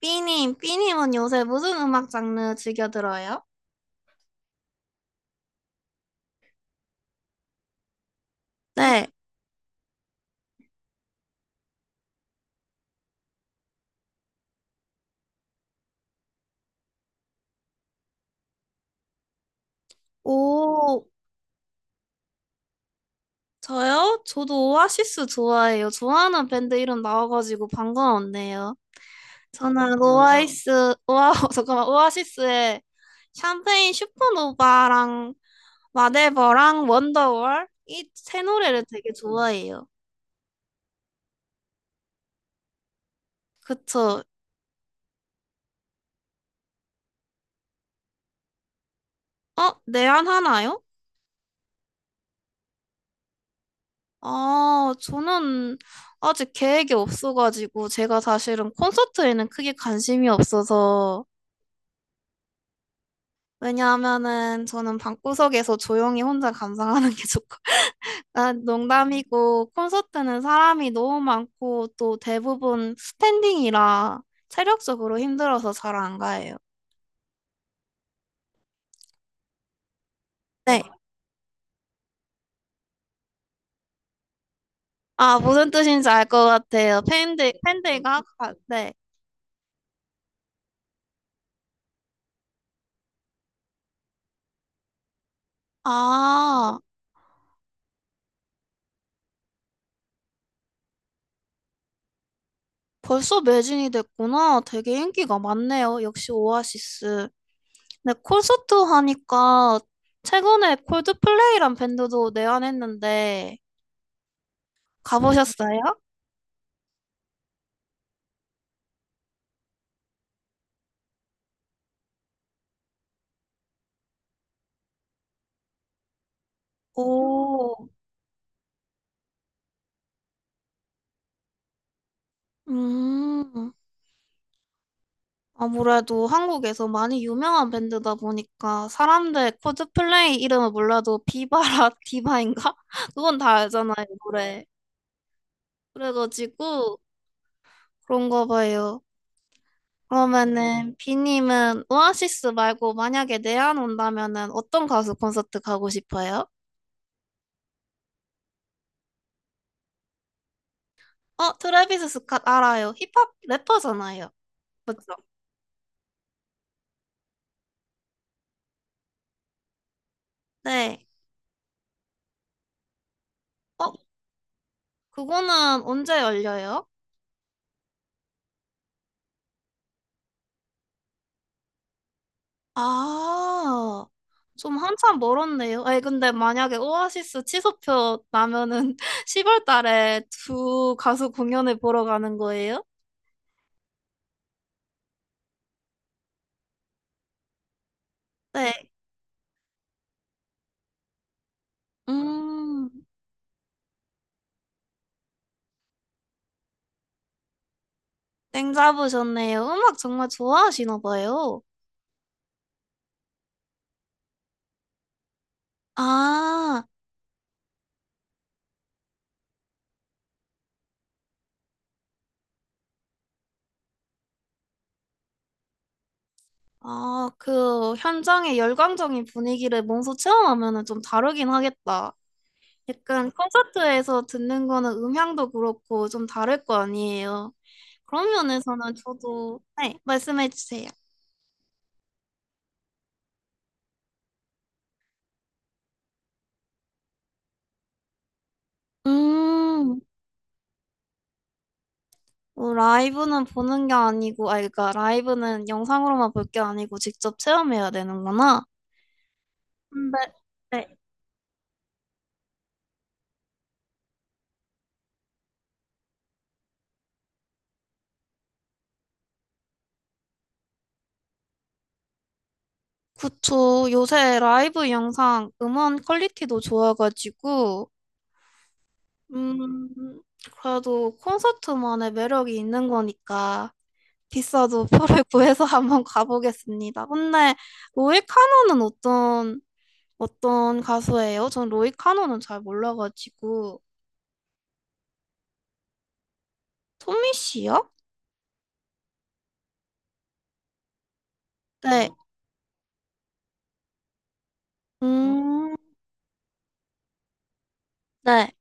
삐님, 삐님은 요새 무슨 음악 장르 즐겨 들어요? 네. 오, 저요? 저도 오아시스 좋아해요. 좋아하는 밴드 이름 나와가지고 반가웠네요. 저는 오아시스, 잠깐만, 오아시스의 샴페인 슈퍼노바랑 마데버랑 원더월 이 세 노래를 되게 좋아해요. 그쵸? 어, 내한 하나요? 아, 저는 아직 계획이 없어가지고, 제가 사실은 콘서트에는 크게 관심이 없어서, 왜냐하면은 저는 방구석에서 조용히 혼자 감상하는 게 좋고, 아, 농담이고, 콘서트는 사람이 너무 많고, 또 대부분 스탠딩이라 체력적으로 힘들어서 잘 안 가요. 네. 아, 무슨 뜻인지 알 것 같아요. 팬들과, 가- 네. 아, 벌써 매진이 됐구나. 되게 인기가 많네요. 역시 오아시스. 네, 콘서트 하니까 최근에 콜드플레이란 밴드도 내한했는데 가보셨어요? 오, 음, 아무래도 한국에서 많이 유명한 밴드다 보니까 사람들 콜드플레이 이름을 몰라도 비바라 디바인가? 그건 다 알잖아요, 노래. 그래가지고 그런가 봐요. 그러면은 비님은 오아시스 말고 만약에 내한 온다면은 어떤 가수 콘서트 가고 싶어요? 어, 트래비스 스캇 알아요. 힙합 래퍼잖아요. 맞죠? 네. 어, 그거는 언제 열려요? 아, 좀 한참 멀었네요. 아니, 근데 만약에 오아시스 취소표 나면은 10월 달에 두 가수 공연을 보러 가는 거예요? 네. 음, 땡 잡으셨네요. 음악 정말 좋아하시나 봐요. 아, 아, 그 현장의 열광적인 분위기를 몸소 체험하면은 좀 다르긴 하겠다. 약간 콘서트에서 듣는 거는 음향도 그렇고 좀 다를 거 아니에요. 그런 면에서는 저도, 네, 말씀해 주세요. 음, 뭐 라이브는 보는 게 아니고, 아, 그러니까 라이브는 영상으로만 볼 게 아니고 직접 체험해야 되는구나. 근데, 네. 그쵸. 요새 라이브 영상, 음원 퀄리티도 좋아가지고, 음, 그래도 콘서트만의 매력이 있는 거니까 비싸도 표를 구해서 한번 가보겠습니다. 근데 로이 카노는 어떤 가수예요? 전 로이 카노는 잘 몰라가지고 토미 씨요? 네. 음, 네.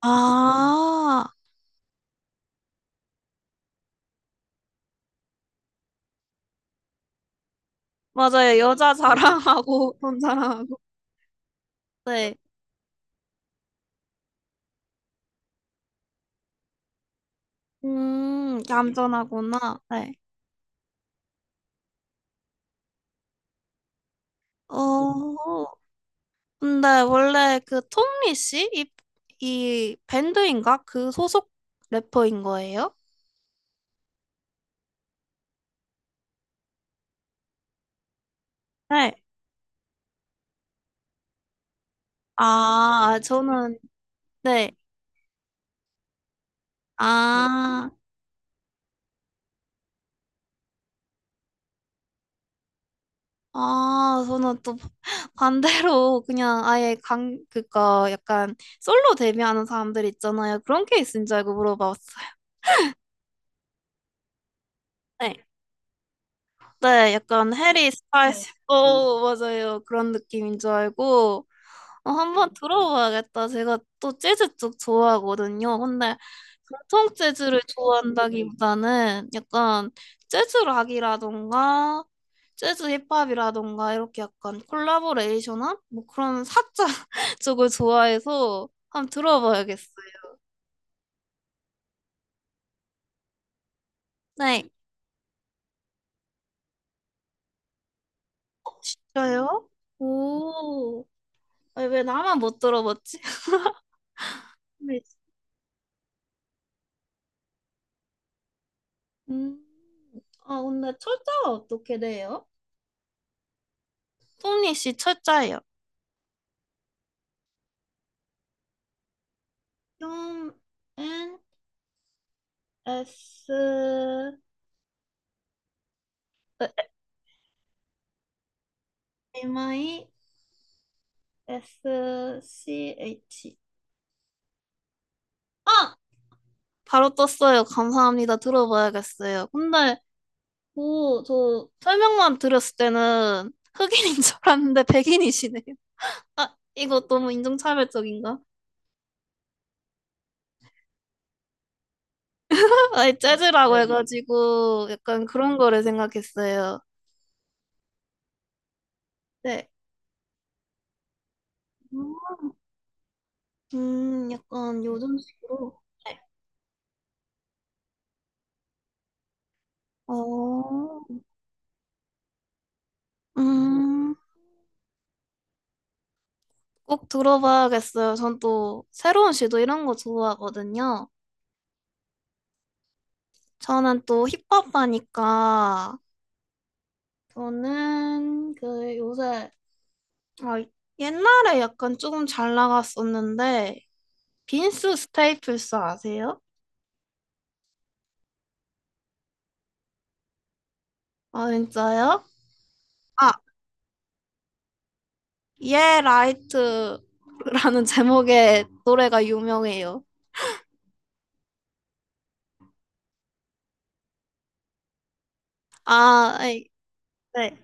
아, 맞아요. 여자 자랑하고 돈 자랑하고. 네. 얌전하구나. 네. 어, 근데 원래 그 톰리 씨? 이, 이 밴드인가? 그 소속 래퍼인 거예요? 네. 아, 저는, 네. 아, 저는 또 반대로 그냥 아예 강, 그니까 약간 솔로 데뷔하는 사람들 있잖아요. 그런 케이스인 줄 알고 물어봤어요. 네. 네, 약간 해리 스타일스, 오, 맞아요. 그런 느낌인 줄 알고. 어, 한번 들어봐야겠다. 제가 또 재즈 쪽 좋아하거든요. 근데 전통 재즈를 좋아한다기보다는 약간 재즈 락이라던가 재즈 힙합이라던가 이렇게 약간 콜라보레이션한 뭐 그런 사자 쪽을 좋아해서 한번 들어봐야겠어요. 네, 저요? 오, 아니, 왜 나만 못 들어봤지? 네. 음, 아, 근데 철자가 어떻게 돼요? 토니 씨 철자예요. 좀 N S 어, MISCH 아! 바로 떴어요. 감사합니다. 들어봐야겠어요. 근데 오, 저 설명만 들었을 때는 흑인인 줄 알았는데 백인이시네요. 아, 이거 너무 인종차별적인가? 아니, 재즈라고 해가지고 약간 그런 거를 생각했어요. 네. 약간 요즘식으로. 네. 어, 음. 꼭 들어봐야겠어요. 전 또 새로운 시도 이런 거 좋아하거든요. 저는 또 힙합하니까 저는 그 요새 아, 옛날에 약간 조금 잘 나갔었는데 빈스 스테이플스 아세요? 아, 진짜요? 아, 예 라이트라는 제목의 노래가 유명해요. 아, 아이, 네.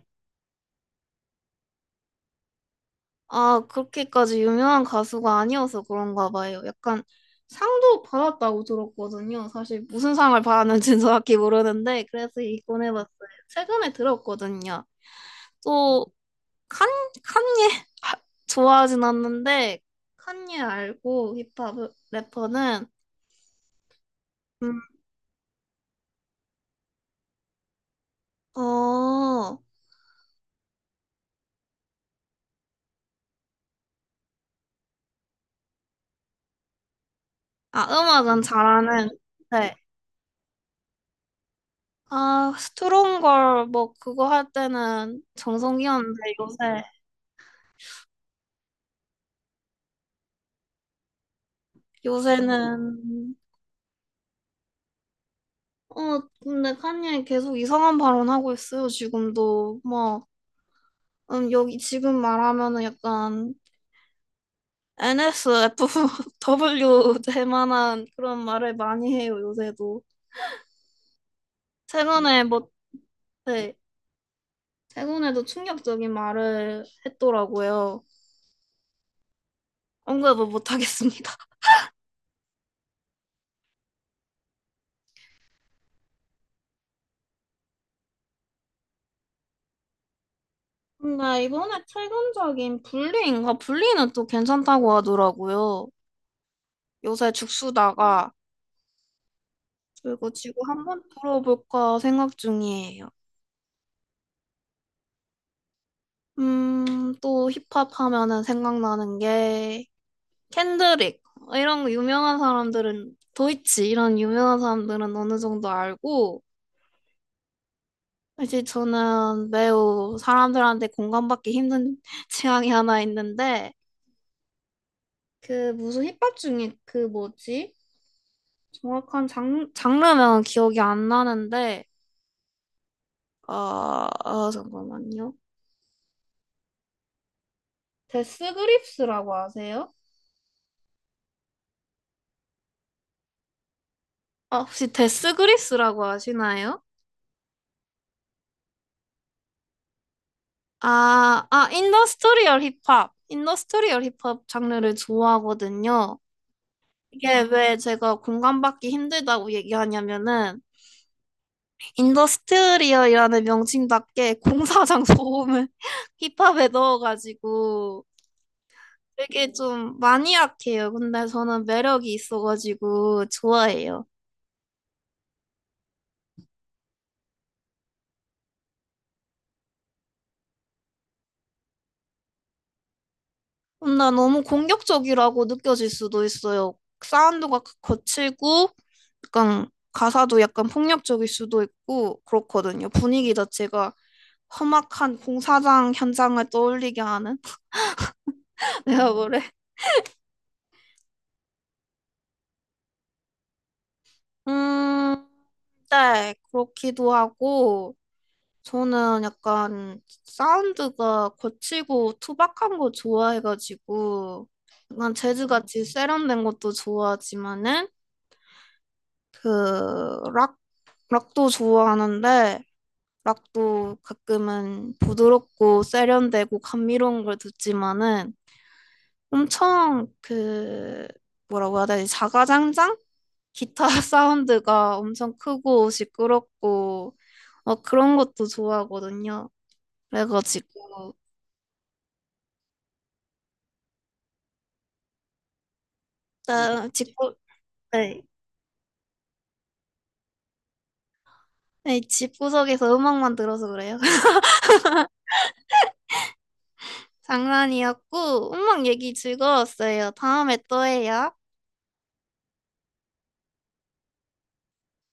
아, 그렇게까지 유명한 가수가 아니어서 그런가 봐요. 약간 상도 받았다고 들었거든요. 사실 무슨 상을 받았는지는 정확히 모르는데, 그래서 이건 해봤어요. 최근에 들었거든요. 또, 칸, 칸예, 아, 좋아하진 않는데, 칸예 알고 힙합 래퍼는, 음, 어, 아, 음악은 잘하는, 네. 아, 스트롱걸, 뭐, 그거 할 때는 정성이었는데, 요새, 요새는 어, 근데 칸예 계속 이상한 발언하고 있어요, 지금도. 뭐, 여기 지금 말하면은 약간 NSFW 될 만한 그런 말을 많이 해요, 요새도. 최근에 뭐, 네, 최근에도 충격적인 말을 했더라고요. 언급을 못 하겠습니다. 근데 이번에 최근적인 불리인가? 불리는 또 괜찮다고 하더라고요. 요새 죽수다가, 그리고 지구 한번 들어볼까 생각 중이에요. 또 힙합 하면은 생각나는 게 켄드릭 이런 유명한 사람들은 도이치 이런 유명한 사람들은 어느 정도 알고 사실 저는 매우 사람들한테 공감받기 힘든 취향이 하나 있는데 그 무슨 힙합 중에 그 뭐지? 정확한 장, 장르명은 기억이 안 나는데 잠깐만요. 데스 그립스라고 아세요? 아, 혹시 데스 그립스라고 아시나요? 인더스트리얼 힙합. 인더스트리얼 힙합 장르를 좋아하거든요. 이게 왜 제가 공감받기 힘들다고 얘기하냐면은, 인더스트리얼이라는 명칭답게 공사장 소음을 힙합에 넣어가지고 되게 좀 마니악해요. 근데 저는 매력이 있어가지고 좋아해요. 나 너무 공격적이라고 느껴질 수도 있어요. 사운드가 그 거칠고, 약간 가사도 약간 폭력적일 수도 있고, 그렇거든요. 분위기 자체가 험악한 공사장 현장을 떠올리게 하는 내가 그래. 음, 네, 그렇기도 하고, 저는 약간 사운드가 거칠고 투박한 거 좋아해가지고, 약간 재즈같이 세련된 것도 좋아하지만은, 그, 락 락도 좋아하는데 락도 가끔은 부드럽고 세련되고 감미로운 걸 듣지만은 엄청 그 뭐라고 해야 되지? 자가장장? 기타 사운드가 엄청 크고 시끄럽고 어, 그런 것도 좋아하거든요. 그래가지고 나 집구 네. 네, 집구석에서 음악만 들어서 그래요. 장난이었고 음악 얘기 즐거웠어요. 다음에 또 해요.